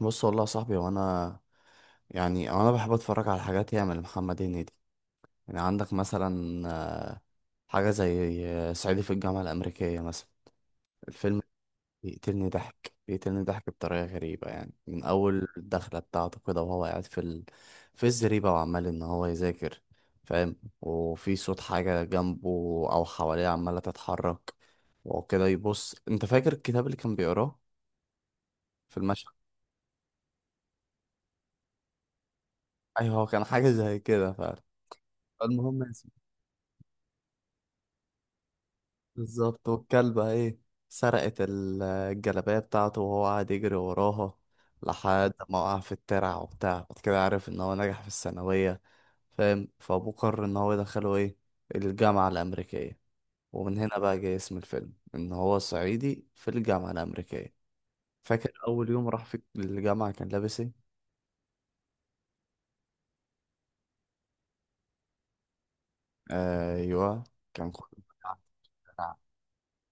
بص، والله يا صاحبي. وانا يعني انا بحب اتفرج على حاجات ياما لمحمد هنيدي. يعني عندك مثلا آه، حاجه زي صعيدي في الجامعه الامريكيه مثلا. الفيلم بيقتلني ضحك، بيقتلني ضحك بطريقه غريبه، يعني من اول الدخله بتاعته كده وهو قاعد في الزريبه وعمال ان هو يذاكر، فاهم، وفي صوت حاجه جنبه او حواليه عماله تتحرك وكده يبص. انت فاكر الكتاب اللي كان بيقراه في المشهد؟ ايوه، هو كان حاجه زي كده فعلا. المهم، بالظبط، والكلبة ايه سرقت الجلابية بتاعته وهو قاعد يجري وراها لحد ما وقع في الترع وبتاع. بعد كده عرف ان هو نجح في الثانوية، فاهم، فابوه قرر ان هو يدخله ايه، الجامعة الأمريكية. ومن هنا بقى جاي اسم الفيلم ان هو صعيدي في الجامعة الأمريكية. فاكر أول يوم راح في الجامعة كان لابس ايه؟ آه، أيوه، كان كله بتاع الترع.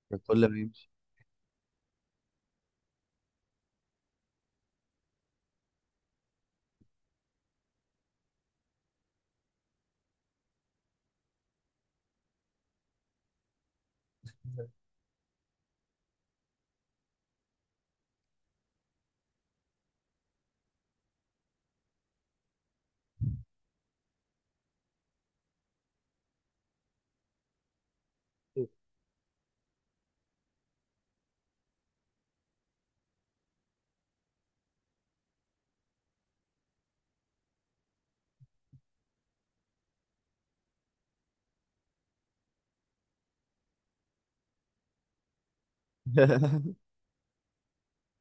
كان كل ما يمشي.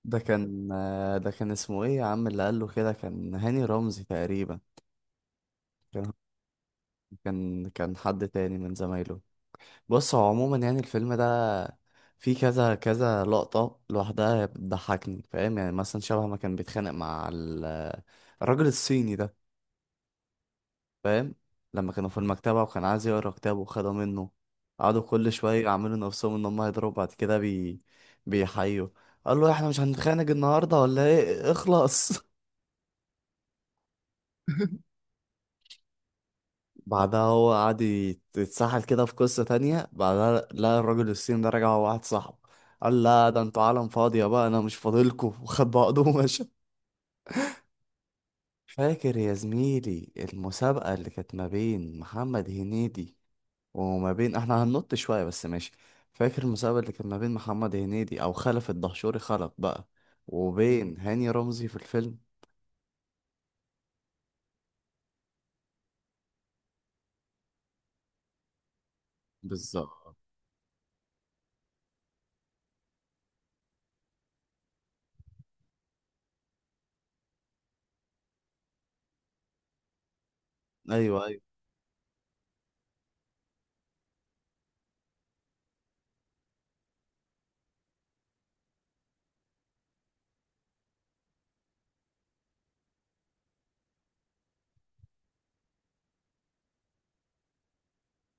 ده كان ده كان اسمه ايه يا عم اللي قال له كده؟ كان هاني رمزي تقريبا. كان كان حد تاني من زمايله. بص، هو عموما يعني الفيلم ده فيه كذا كذا لقطة لوحدها بتضحكني، فاهم، يعني مثلا شبه ما كان بيتخانق مع الراجل الصيني ده، فاهم، لما كانوا في المكتبة وكان عايز يقرا كتابه وخده منه، قعدوا كل شوية يعملوا نفسهم ان هم هيضربوا بعد كده بيحيوا. قال له احنا مش هنتخانق النهارده ولا ايه، اخلص. بعدها هو قعد يتسحل كده في قصة تانية. بعدها لقى الراجل الصيني ده رجع هو واحد صاحبه، قال لا ده انتوا عالم فاضية، بقى انا مش فاضلكوا. وخد بعضه ومشى. فاكر يا زميلي المسابقة اللي كانت ما بين محمد هنيدي وما بين، احنا هننط شوية بس ماشي. فاكر المسابقة اللي كانت ما بين محمد هنيدي او خلف الدهشوري خلف بقى، وبين هاني رمزي في الفيلم. بالظبط. ايوه، ايوه.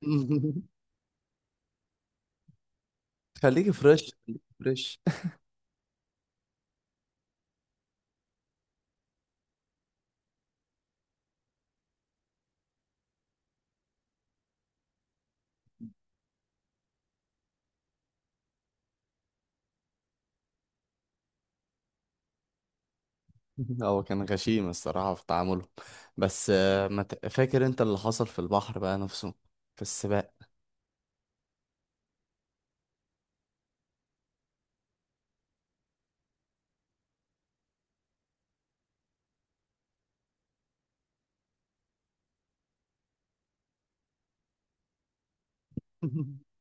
خليك فريش، خليك فريش. هو كان غشيم الصراحة في تعامله. بس آه، ما ت- فاكر انت اللي حصل في البحر بقى نفسه في السباق؟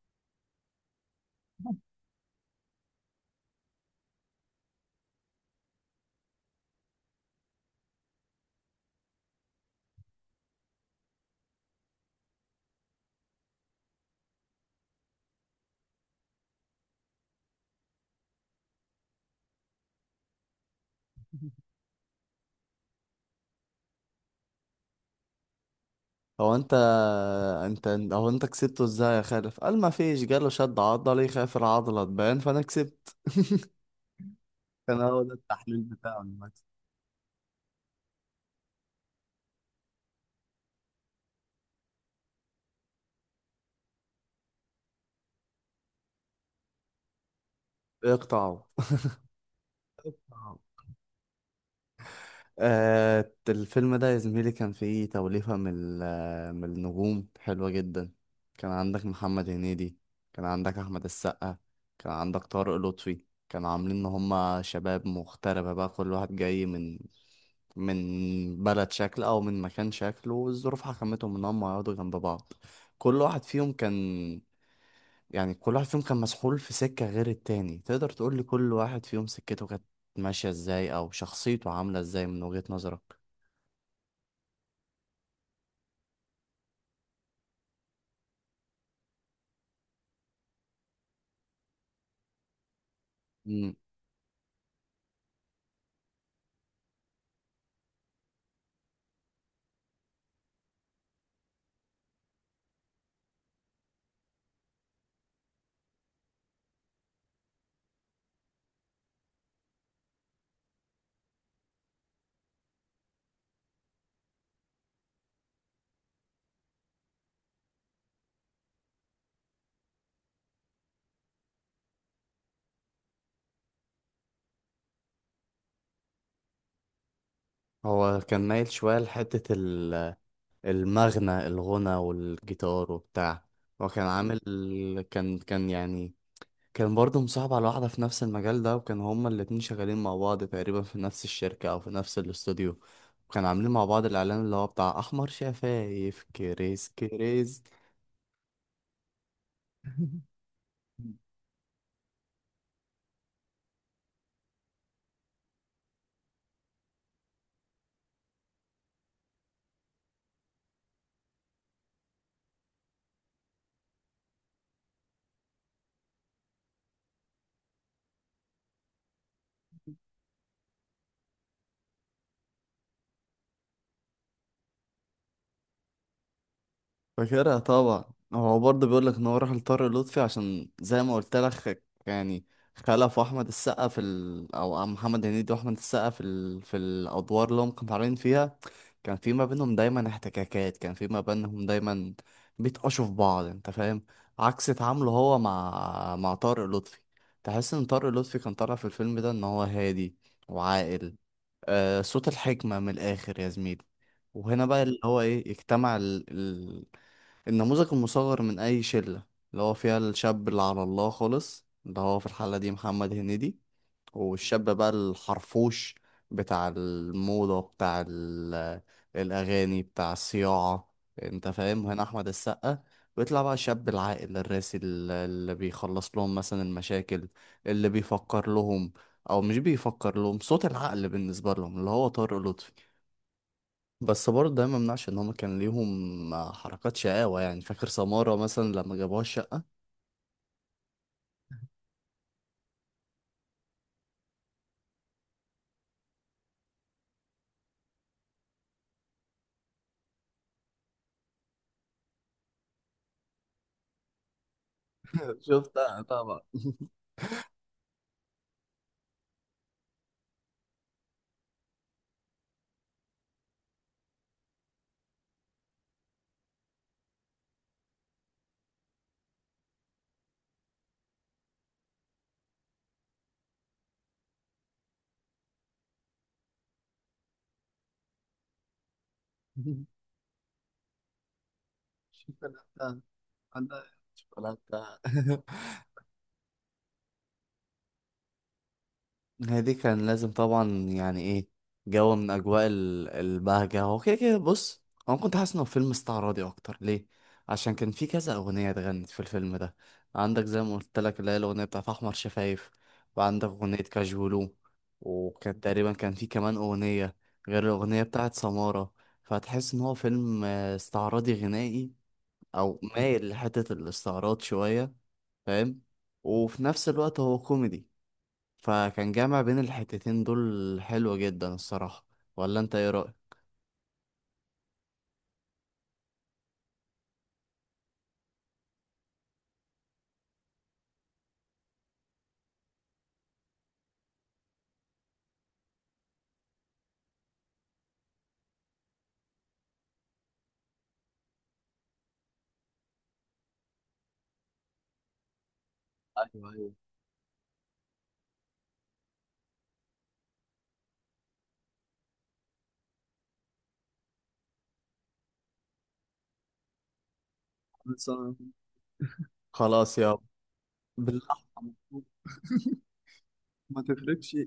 هو انت انت هو انت كسبته ازاي يا خالف؟ قال ما فيش، جاله شد عضلي، خاف العضلة تبان فانا كسبت. كان هو ده التحليل بتاعه المكسب. اقطعه. آه، الفيلم ده يا زميلي كان فيه توليفة من من النجوم حلوة جدا. كان عندك محمد هنيدي، كان عندك أحمد السقا، كان عندك طارق لطفي. كانوا عاملين إن هما شباب مغتربة بقى، كل واحد جاي من بلد شكل أو من مكان شكله، والظروف حكمتهم إن هما يقعدوا جنب بعض. كل واحد فيهم كان مسحول في سكة غير التاني. تقدر تقولي كل واحد فيهم سكته كانت ماشية إزاي أو شخصيته عاملة إزاي من وجهة نظرك. مم. هو كان مايل شوية لحتة الغنى والجيتار وبتاع. هو كان عامل، كان كان يعني كان برضه مصاحب على واحدة في نفس المجال ده، وكان هما الاتنين شغالين مع بعض تقريبا في نفس الشركة أو في نفس الاستوديو، وكان عاملين مع بعض الإعلان اللي هو بتاع أحمر شفايف، كريس كريس. فاكرها طبعا. هو برضه بيقول لك ان هو راح لطارق لطفي عشان زي ما قلت لك يعني خلف احمد السقا او محمد هنيدي واحمد السقا في الادوار اللي هم كانوا طالعين فيها، كان في ما بينهم دايما احتكاكات، كان في ما بينهم دايما بيتقشوا في بعض، انت فاهم، عكس تعامله هو مع طارق لطفي. تحس ان طارق لطفي كان طالع في الفيلم ده ان هو هادي وعاقل. آه، صوت الحكمة من الاخر يا زميلي. وهنا بقى اللي هو ايه، اجتمع النموذج المصغر من أي شلة، اللي هو فيها الشاب اللي على الله خالص، اللي هو في الحالة دي محمد هنيدي، والشاب بقى الحرفوش بتاع الموضة بتاع الأغاني بتاع الصياعة، أنت فاهم، هنا أحمد السقا. بيطلع بقى الشاب العاقل الراسي اللي بيخلص لهم مثلا المشاكل، اللي بيفكر لهم أو مش بيفكر لهم، صوت العقل بالنسبة لهم اللي هو طارق لطفي. بس برضه ده ما منعش ان هم كان ليهم حركات شقاوة. يعني فاكر سمارة مثلا لما جابوها الشقة؟ شفتها طبعا. شوكولاتة، أنا شوكولاتة. هي دي كان لازم طبعا يعني ايه، جو من اجواء البهجة. هو كده كده بص. هو كنت حاسس انه فيلم استعراضي اكتر ليه؟ عشان كان في كذا اغنية اتغنت في الفيلم ده. عندك زي ما قلت لك اللي هي الاغنية بتاعت احمر شفايف، وعندك اغنية كاجولو، وكان تقريبا كان في كمان اغنية غير الاغنية بتاعت سمارة. فهتحس ان هو فيلم استعراضي غنائي، او مايل لحتة الاستعراض شوية، فاهم، وفي نفس الوقت هو كوميدي. فكان جامع بين الحتتين دول حلو جدا الصراحة. ولا انت ايه رأيك؟ ايوه، ايوه. بس أنا- خلاص يا باللحمه. ما تفرقش.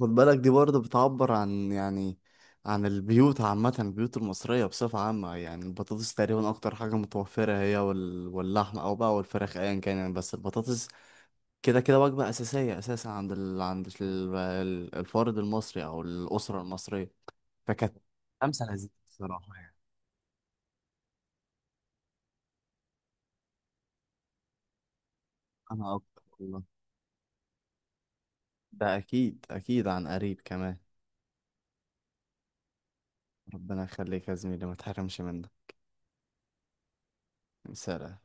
خد بالك، دي برضه بتعبر عن، يعني، عن البيوت عامة، البيوت المصرية بصفة عامة. يعني البطاطس تقريبا أكتر حاجة متوفرة، هي واللحمة أو بقى والفراخ أيا كان، يعني، بس البطاطس كده كده وجبة أساسية أساسا عند الفرد المصري أو الأسرة المصرية. فكانت خمسة لذيذة الصراحة يعني. انا اكتر والله. ده اكيد، اكيد عن قريب كمان. ربنا يخليك يا زميلي، ما تحرمش من ده. سلام.